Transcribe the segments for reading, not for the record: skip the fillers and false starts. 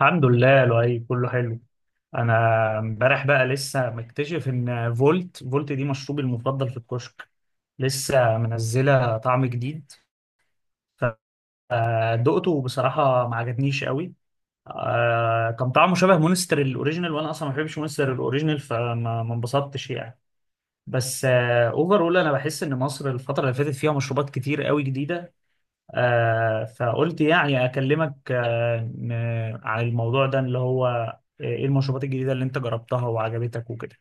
الحمد لله لؤي، كله حلو. انا امبارح بقى لسه مكتشف ان فولت دي مشروبي المفضل في الكشك. لسه منزله طعم جديد فدقته، وبصراحه ما عجبنيش قوي. كان طعمه شبه مونستر الاوريجينال، وانا اصلا ما بحبش مونستر الاوريجينال، فما ما انبسطتش يعني. بس اوفرول انا بحس ان مصر الفتره اللي فاتت فيها مشروبات كتير قوي جديده. فقلت يعني أكلمك، عن الموضوع ده اللي هو إيه المشروبات الجديدة اللي أنت جربتها وعجبتك وكده.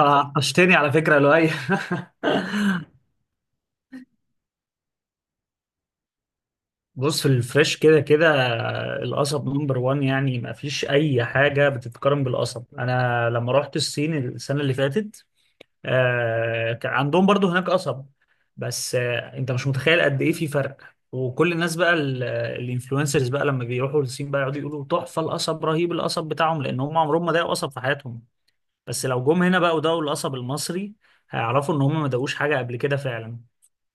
طشتني على فكرة يا لؤي. بص، في الفريش كده كده، القصب نمبر 1. يعني ما فيش أي حاجة بتتقارن بالقصب. أنا لما رحت الصين السنة اللي فاتت، كان عندهم برضو هناك قصب. بس انت مش متخيل قد ايه في فرق. وكل الناس بقى الانفلونسرز بقى لما بيروحوا للصين بقى يقعدوا يقولوا تحفة القصب، رهيب القصب بتاعهم، لان هم عمرهم ما داقوا قصب في حياتهم. بس لو جم هنا بقى وداقوا القصب المصري، هيعرفوا ان هم ما داقوش حاجة قبل كده فعلا.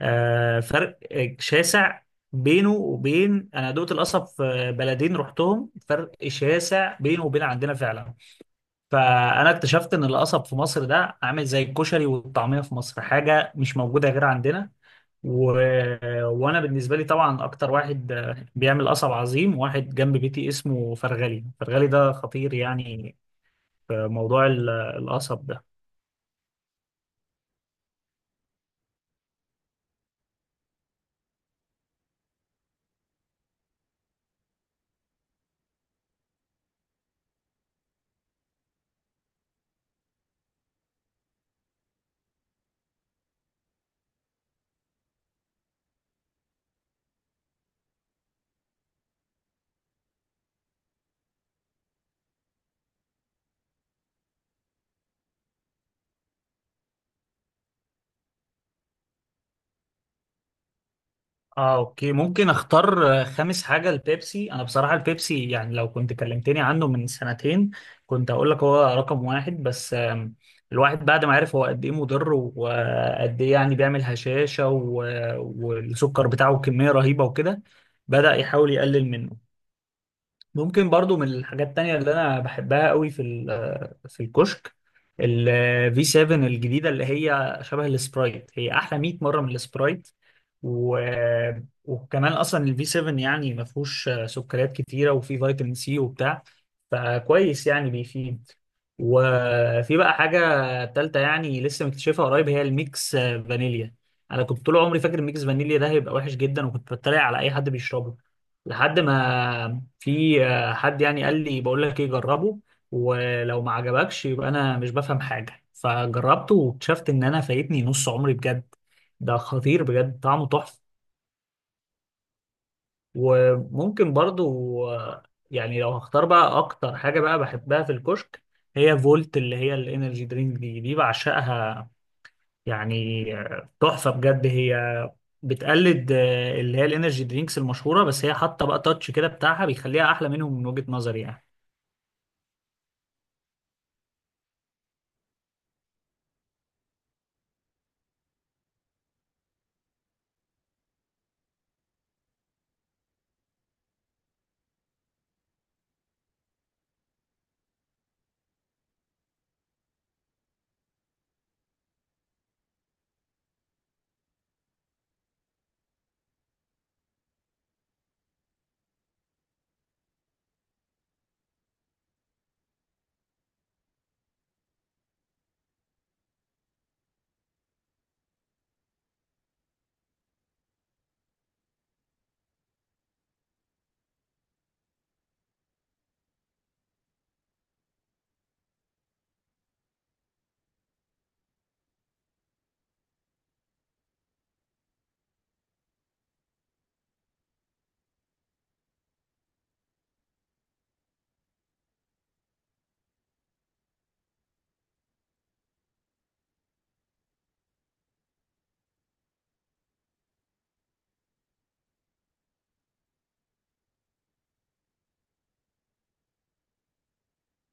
فرق شاسع بينه وبين انا دقت القصب في بلدين رحتهم، فرق شاسع بينه وبين عندنا فعلا. فانا اكتشفت ان القصب في مصر ده عامل زي الكشري والطعميه في مصر، حاجه مش موجوده غير عندنا. و... وانا بالنسبه لي طبعا اكتر واحد بيعمل قصب عظيم واحد جنب بيتي اسمه فرغلي. فرغلي ده خطير يعني في موضوع القصب ده. اه، اوكي، ممكن اختار خامس حاجة البيبسي. انا بصراحة البيبسي يعني لو كنت كلمتني عنه من سنتين، كنت اقول لك هو رقم واحد. بس الواحد بعد ما عرف هو قد ايه مضر وقد ايه يعني بيعمل هشاشة، والسكر بتاعه كمية رهيبة وكده، بدأ يحاول يقلل منه. ممكن برضو من الحاجات التانية اللي أنا بحبها قوي في الكشك، ال V7 الجديدة، اللي هي شبه السبرايت. هي أحلى 100 مرة من السبرايت. و... وكمان أصلا ال V7 يعني ما فيهوش سكريات كتيرة وفيه فيتامين سي وبتاع، فكويس يعني بيفيد. وفي بقى حاجة تالتة يعني لسه مكتشفها قريب، هي الميكس فانيليا. أنا كنت طول عمري فاكر الميكس فانيليا ده هيبقى وحش جدا، وكنت بتريق على أي حد بيشربه، لحد ما في حد يعني قال لي بقول لك ايه، جربه ولو ما عجبكش يبقى انا مش بفهم حاجه. فجربته واكتشفت ان انا فايتني نص عمري بجد. ده خطير بجد، طعمه تحفه. وممكن برضو، يعني لو هختار بقى اكتر حاجه بقى بحبها في الكشك، هي فولت، اللي هي الانرجي درينك. دي بعشقها، يعني تحفه بجد. هي بتقلد، اللي هي الانرجي درينكس المشهوره، بس هي حاطه بقى تاتش كده بتاعها بيخليها احلى منهم من وجهه نظري يعني.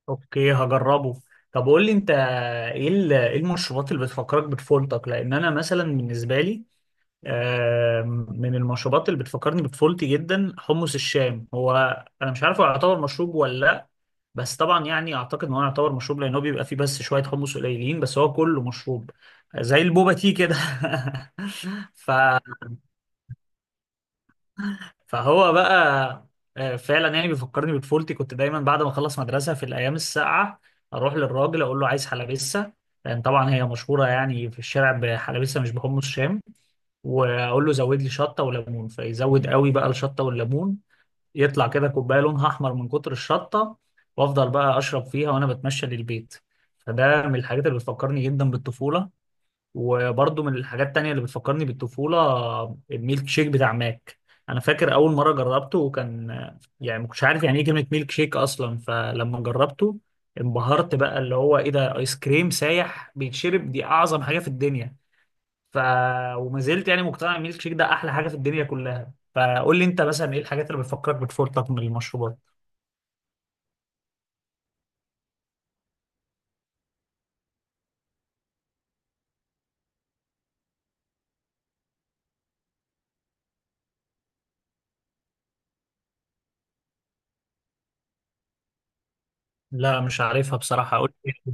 اوكي، هجربه. طب قول لي انت، إيه المشروبات اللي بتفكرك بطفولتك؟ لان انا مثلا بالنسبه لي، من المشروبات اللي بتفكرني بطفولتي جدا حمص الشام. هو انا مش عارف هو يعتبر مشروب ولا لا، بس طبعا يعني اعتقد ان هو يعتبر مشروب، لان هو بيبقى فيه بس شويه حمص قليلين بس هو كله مشروب، زي البوبا تي كده. ف فهو بقى فعلا يعني بيفكرني بطفولتي. كنت دايما بعد ما اخلص مدرسه في الايام الساقعه اروح للراجل اقول له عايز حلبسه، لان طبعا هي مشهوره يعني في الشارع بحلبسه مش بحمص شام. واقول له زود لي شطه وليمون، فيزود قوي بقى الشطه والليمون، يطلع كده كوبايه لونها احمر من كتر الشطه، وافضل بقى اشرب فيها وانا بتمشى للبيت. فده من الحاجات اللي بتفكرني جدا بالطفوله. وبرضه من الحاجات التانية اللي بتفكرني بالطفولة، الميلك شيك بتاع ماك. أنا فاكر أول مرة جربته، كان يعني ما كنتش عارف يعني إيه كلمة ميلك شيك أصلا. فلما جربته، انبهرت بقى اللي هو إيه ده، آيس كريم سايح بيتشرب، دي أعظم حاجة في الدنيا. ف وما زلت يعني مقتنع إن الميلك شيك ده أحلى حاجة في الدنيا كلها. فقول لي أنت مثلا إيه الحاجات اللي بتفكرك بطفولتك من المشروبات؟ لا مش عارفها بصراحة، قول لي.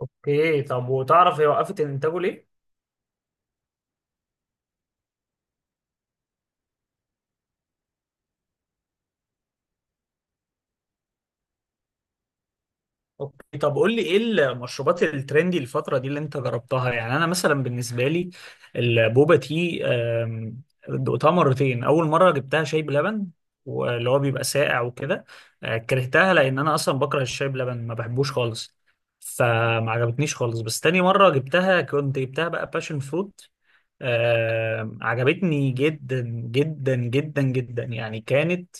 أوكي، طب وتعرف هي وقفت إنتاجه ليه؟ اوكي، طب قول لي ايه المشروبات الترندي الفترة دي اللي انت جربتها؟ يعني انا مثلا بالنسبة لي البوبا تي، دقتها مرتين. اول مرة جبتها شاي بلبن، واللي هو بيبقى ساقع وكده، كرهتها لان انا اصلا بكره الشاي بلبن ما بحبوش خالص. فما عجبتنيش خالص. بس تاني مرة جبتها، كنت جبتها بقى باشن فروت، عجبتني جدا جدا جدا جدا. يعني كانت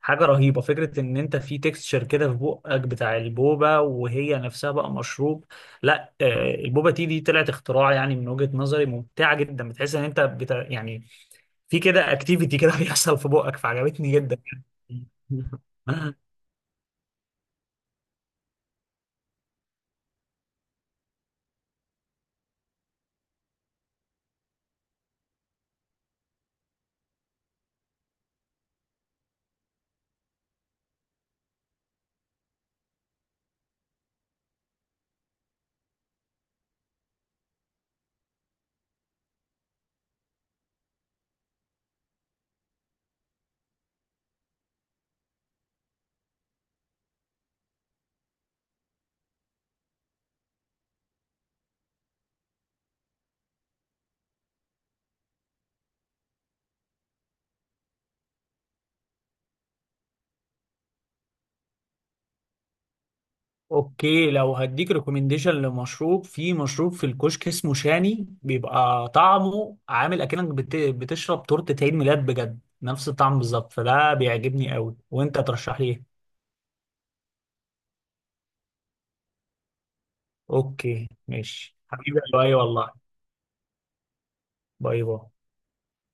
حاجة رهيبة، فكرة ان انت في تكستشر كده في بقك بتاع البوبة وهي نفسها بقى مشروب. لا البوبة تي دي طلعت اختراع يعني، من وجهة نظري ممتعة جدا. بتحس ان انت يعني في كده اكتيفيتي كده بيحصل في بقك، فعجبتني جدا يعني. اوكي، لو هديك ريكومنديشن لمشروب، في مشروب في الكشك اسمه شاني، بيبقى طعمه عامل اكنك بتشرب تورتة عيد ميلاد بجد، نفس الطعم بالظبط. فده بيعجبني قوي. وانت ترشح لي ايه؟ اوكي، ماشي حبيبي، باي، والله. باي باي.